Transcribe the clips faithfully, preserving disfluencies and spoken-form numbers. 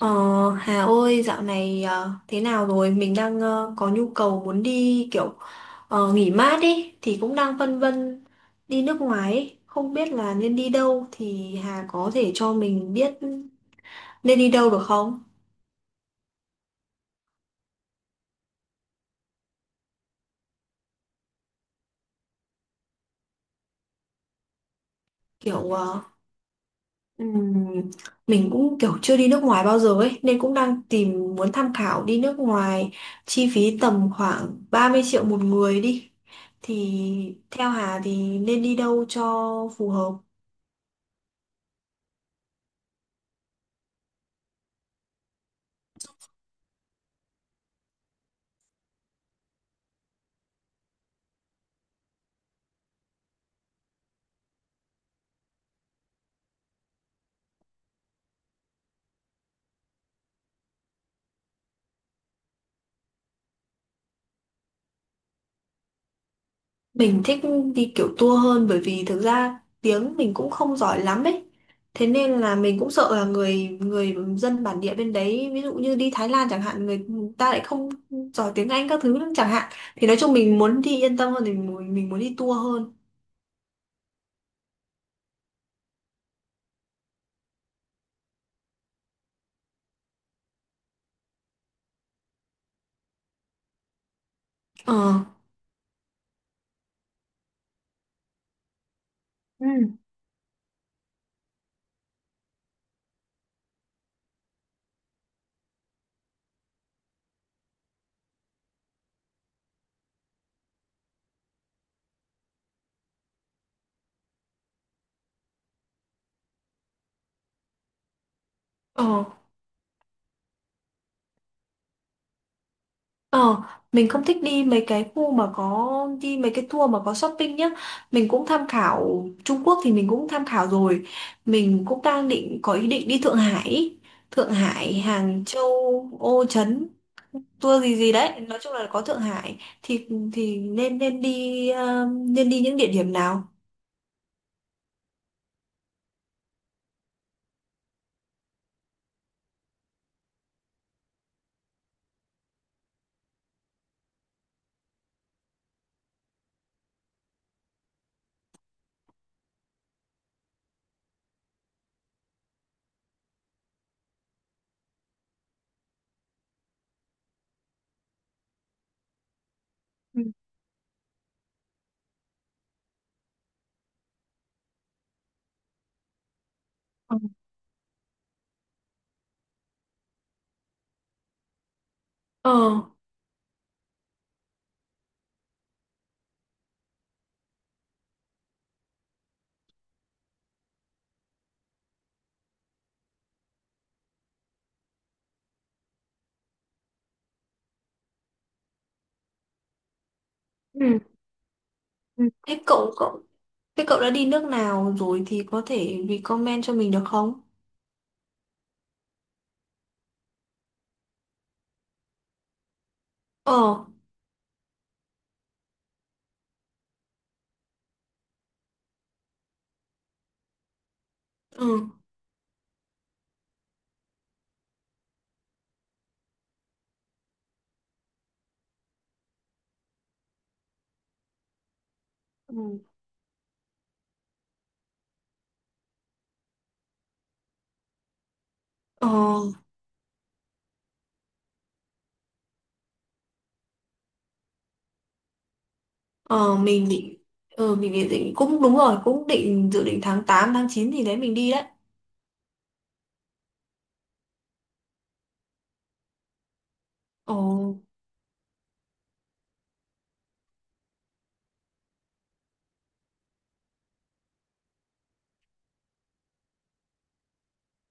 Ờ, Hà ơi, dạo này ờ, thế nào rồi? Mình đang ờ, có nhu cầu muốn đi kiểu ờ, nghỉ mát ý, thì cũng đang phân vân đi nước ngoài ý. Không biết là nên đi đâu thì Hà có thể cho mình biết nên đi đâu được không? Kiểu ờ, ừm, mình cũng kiểu chưa đi nước ngoài bao giờ ấy, nên cũng đang tìm muốn tham khảo đi nước ngoài chi phí tầm khoảng ba mươi triệu một người đi. Thì theo Hà thì nên đi đâu cho phù hợp? Mình thích đi kiểu tour hơn bởi vì thực ra tiếng mình cũng không giỏi lắm ấy. Thế nên là mình cũng sợ là người người dân bản địa bên đấy, ví dụ như đi Thái Lan chẳng hạn, người ta lại không giỏi tiếng Anh các thứ nữa chẳng hạn. Thì nói chung mình muốn đi yên tâm hơn thì mình, mình muốn đi tour hơn. Ờ. Ừ. Ờ. Ờ, mình không thích đi mấy cái khu mà có đi mấy cái tour mà có shopping nhá. Mình cũng tham khảo Trung Quốc thì mình cũng tham khảo rồi. Mình cũng đang định có ý định đi Thượng Hải, ý. Thượng Hải, Hàng Châu, Ô Trấn, tour gì gì đấy. Nói chung là có Thượng Hải thì thì nên nên đi ờ, nên đi những địa điểm nào? Ừ. Ừ. Ờ. Ừ. Ừ. Thế cậu cậu thế cậu đã đi nước nào rồi thì có thể recommend cho mình được không? Ờ. Ừ. Ừ. Ờ. Ờ, mình định ờ, mình định định- cũng đúng rồi cũng định dự định tháng tám, tháng chín thì đấy mình đi đấy. Ồ.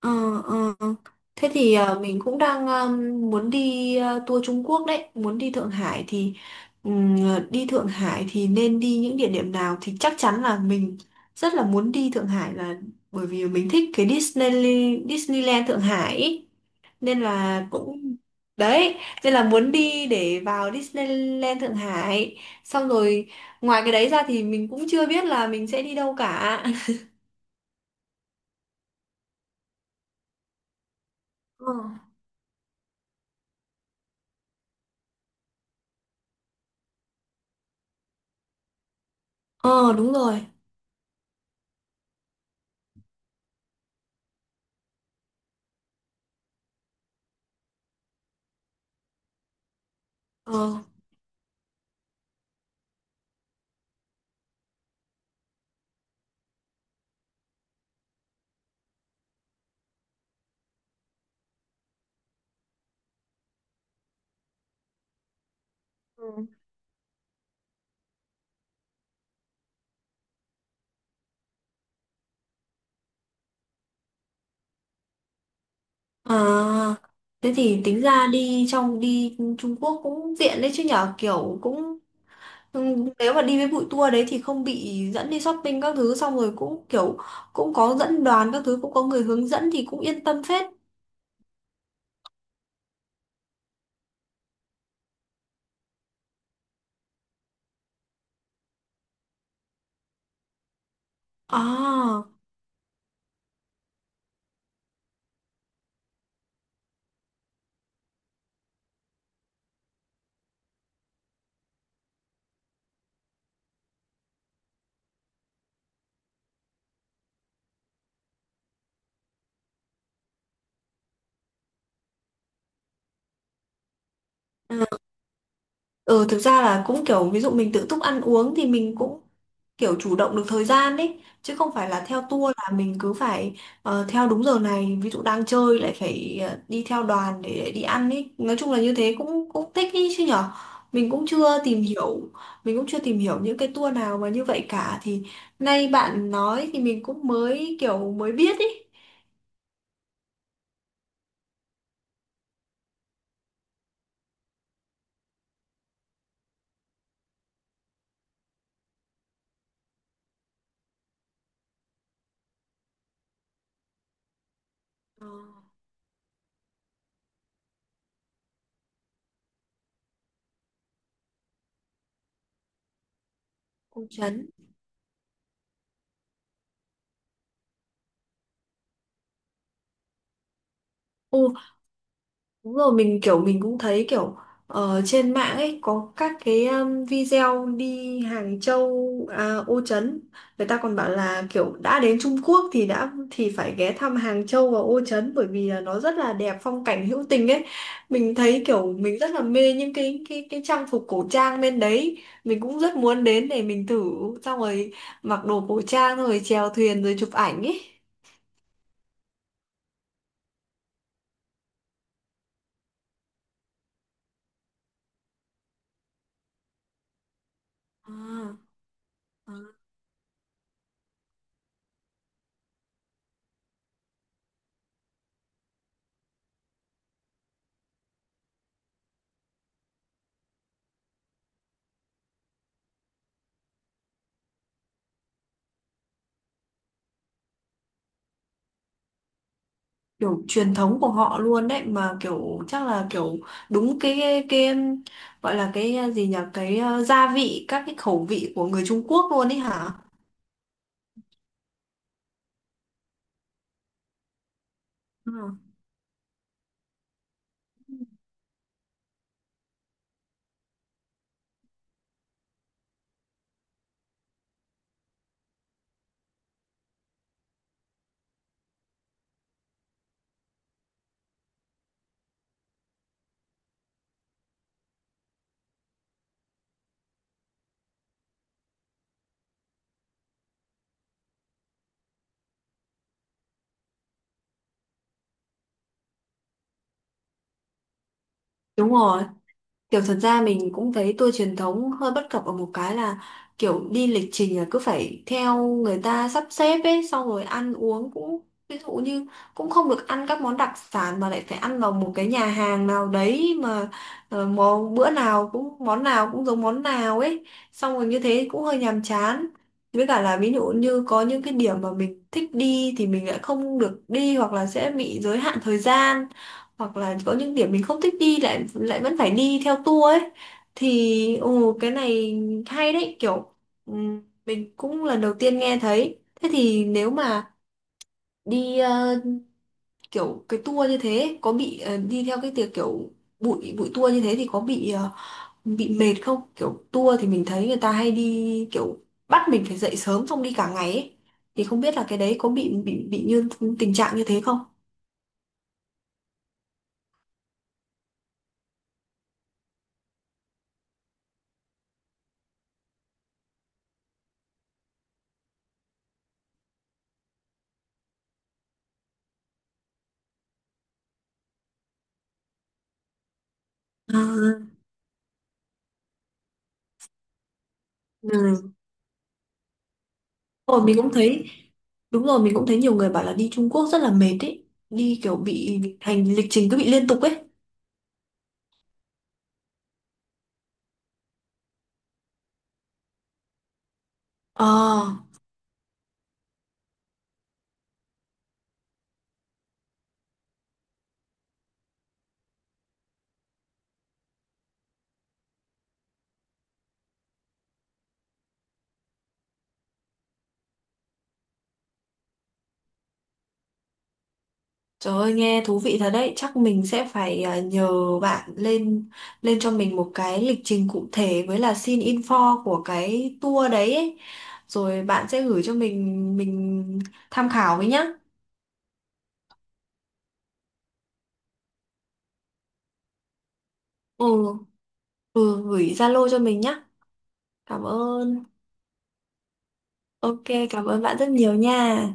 Ờ. Ờ. Thế thì ờ, mình cũng đang um, muốn đi ờ, tour Trung Quốc đấy muốn đi Thượng Hải thì ừm, đi Thượng Hải thì nên đi những địa điểm nào thì chắc chắn là mình rất là muốn đi Thượng Hải là bởi vì mình thích cái Disney Disneyland Thượng Hải ý. Nên là cũng đấy nên là muốn đi để vào Disneyland Thượng Hải, xong rồi ngoài cái đấy ra thì mình cũng chưa biết là mình sẽ đi đâu cả. Ờ. Ờ, đúng rồi. Ờ. Ừ. À. Thế thì tính ra đi trong đi Trung Quốc cũng tiện đấy chứ nhở, kiểu cũng ừm, nếu mà đi với bụi tour đấy thì không bị dẫn đi shopping các thứ, xong rồi cũng kiểu cũng có dẫn đoàn các thứ, cũng có người hướng dẫn thì cũng yên tâm phết. À. Ừ, thực ra là cũng kiểu ví dụ mình tự túc ăn uống thì mình cũng kiểu chủ động được thời gian ấy, chứ không phải là theo tour là mình cứ phải ờ, theo đúng giờ này, ví dụ đang chơi lại phải ờ, đi theo đoàn để, để đi ăn ấy, nói chung là như thế cũng cũng thích ý chứ nhở. mình cũng chưa tìm hiểu mình cũng chưa tìm hiểu những cái tour nào mà như vậy cả, thì nay bạn nói thì mình cũng mới kiểu mới biết ấy. Ờ, Ô Trấn. Ừ. Đúng rồi, mình kiểu mình cũng thấy kiểu ờ, trên mạng ấy có các cái um, video đi Hàng Châu, à, Ô Trấn. Người ta còn bảo là kiểu đã đến Trung Quốc thì đã thì phải ghé thăm Hàng Châu và Ô Trấn bởi vì là nó rất là đẹp, phong cảnh hữu tình ấy. Mình thấy kiểu mình rất là mê những cái cái cái trang phục cổ trang bên đấy. Mình cũng rất muốn đến để mình thử, xong rồi mặc đồ cổ trang rồi chèo thuyền rồi chụp ảnh ấy. À. À. Kiểu truyền thống của họ luôn đấy, mà kiểu chắc là kiểu đúng cái cái gọi là cái à, gì nhỉ, cái ờ, gia vị, các cái khẩu vị của người Trung Quốc luôn ấy hả? Ừ. Đúng rồi. Kiểu thật ra mình cũng thấy tour truyền thống hơi bất cập ở một cái là kiểu đi lịch trình là cứ phải theo người ta sắp xếp ấy, xong rồi ăn uống cũng, ví dụ như cũng không được ăn các món đặc sản mà lại phải ăn vào một cái nhà hàng nào đấy mà ờ, món bữa nào cũng món nào cũng giống món nào ấy, xong rồi như thế cũng hơi nhàm chán. Với cả là ví dụ như có những cái điểm mà mình thích đi thì mình lại không được đi, hoặc là sẽ bị giới hạn thời gian, hoặc là có những điểm mình không thích đi lại lại vẫn phải đi theo tour ấy, thì ồ cái này hay đấy, kiểu ừm, mình cũng lần đầu tiên nghe thấy. Thế thì nếu mà đi ờ, kiểu cái tour như thế có bị ờ, đi theo cái tiệc kiểu bụi bụi tour như thế thì có bị ờ, bị mệt không? Kiểu tour thì mình thấy người ta hay đi kiểu bắt mình phải dậy sớm xong đi cả ngày ấy. Thì không biết là cái đấy có bị bị bị như tình trạng như thế không? À, ừ. Rồi mình cũng thấy đúng rồi mình cũng thấy nhiều người bảo là đi Trung Quốc rất là mệt ấy, đi kiểu bị hành lịch trình cứ bị liên tục ấy. ờ Trời ơi nghe thú vị thật đấy, chắc mình sẽ phải à, nhờ bạn lên lên cho mình một cái lịch trình cụ thể với là xin info của cái tour đấy ấy. Rồi bạn sẽ gửi cho mình mình tham khảo với nhá. Ừ, ừ, gửi Zalo cho mình nhá, cảm ơn. Ok, cảm ơn bạn rất nhiều nha.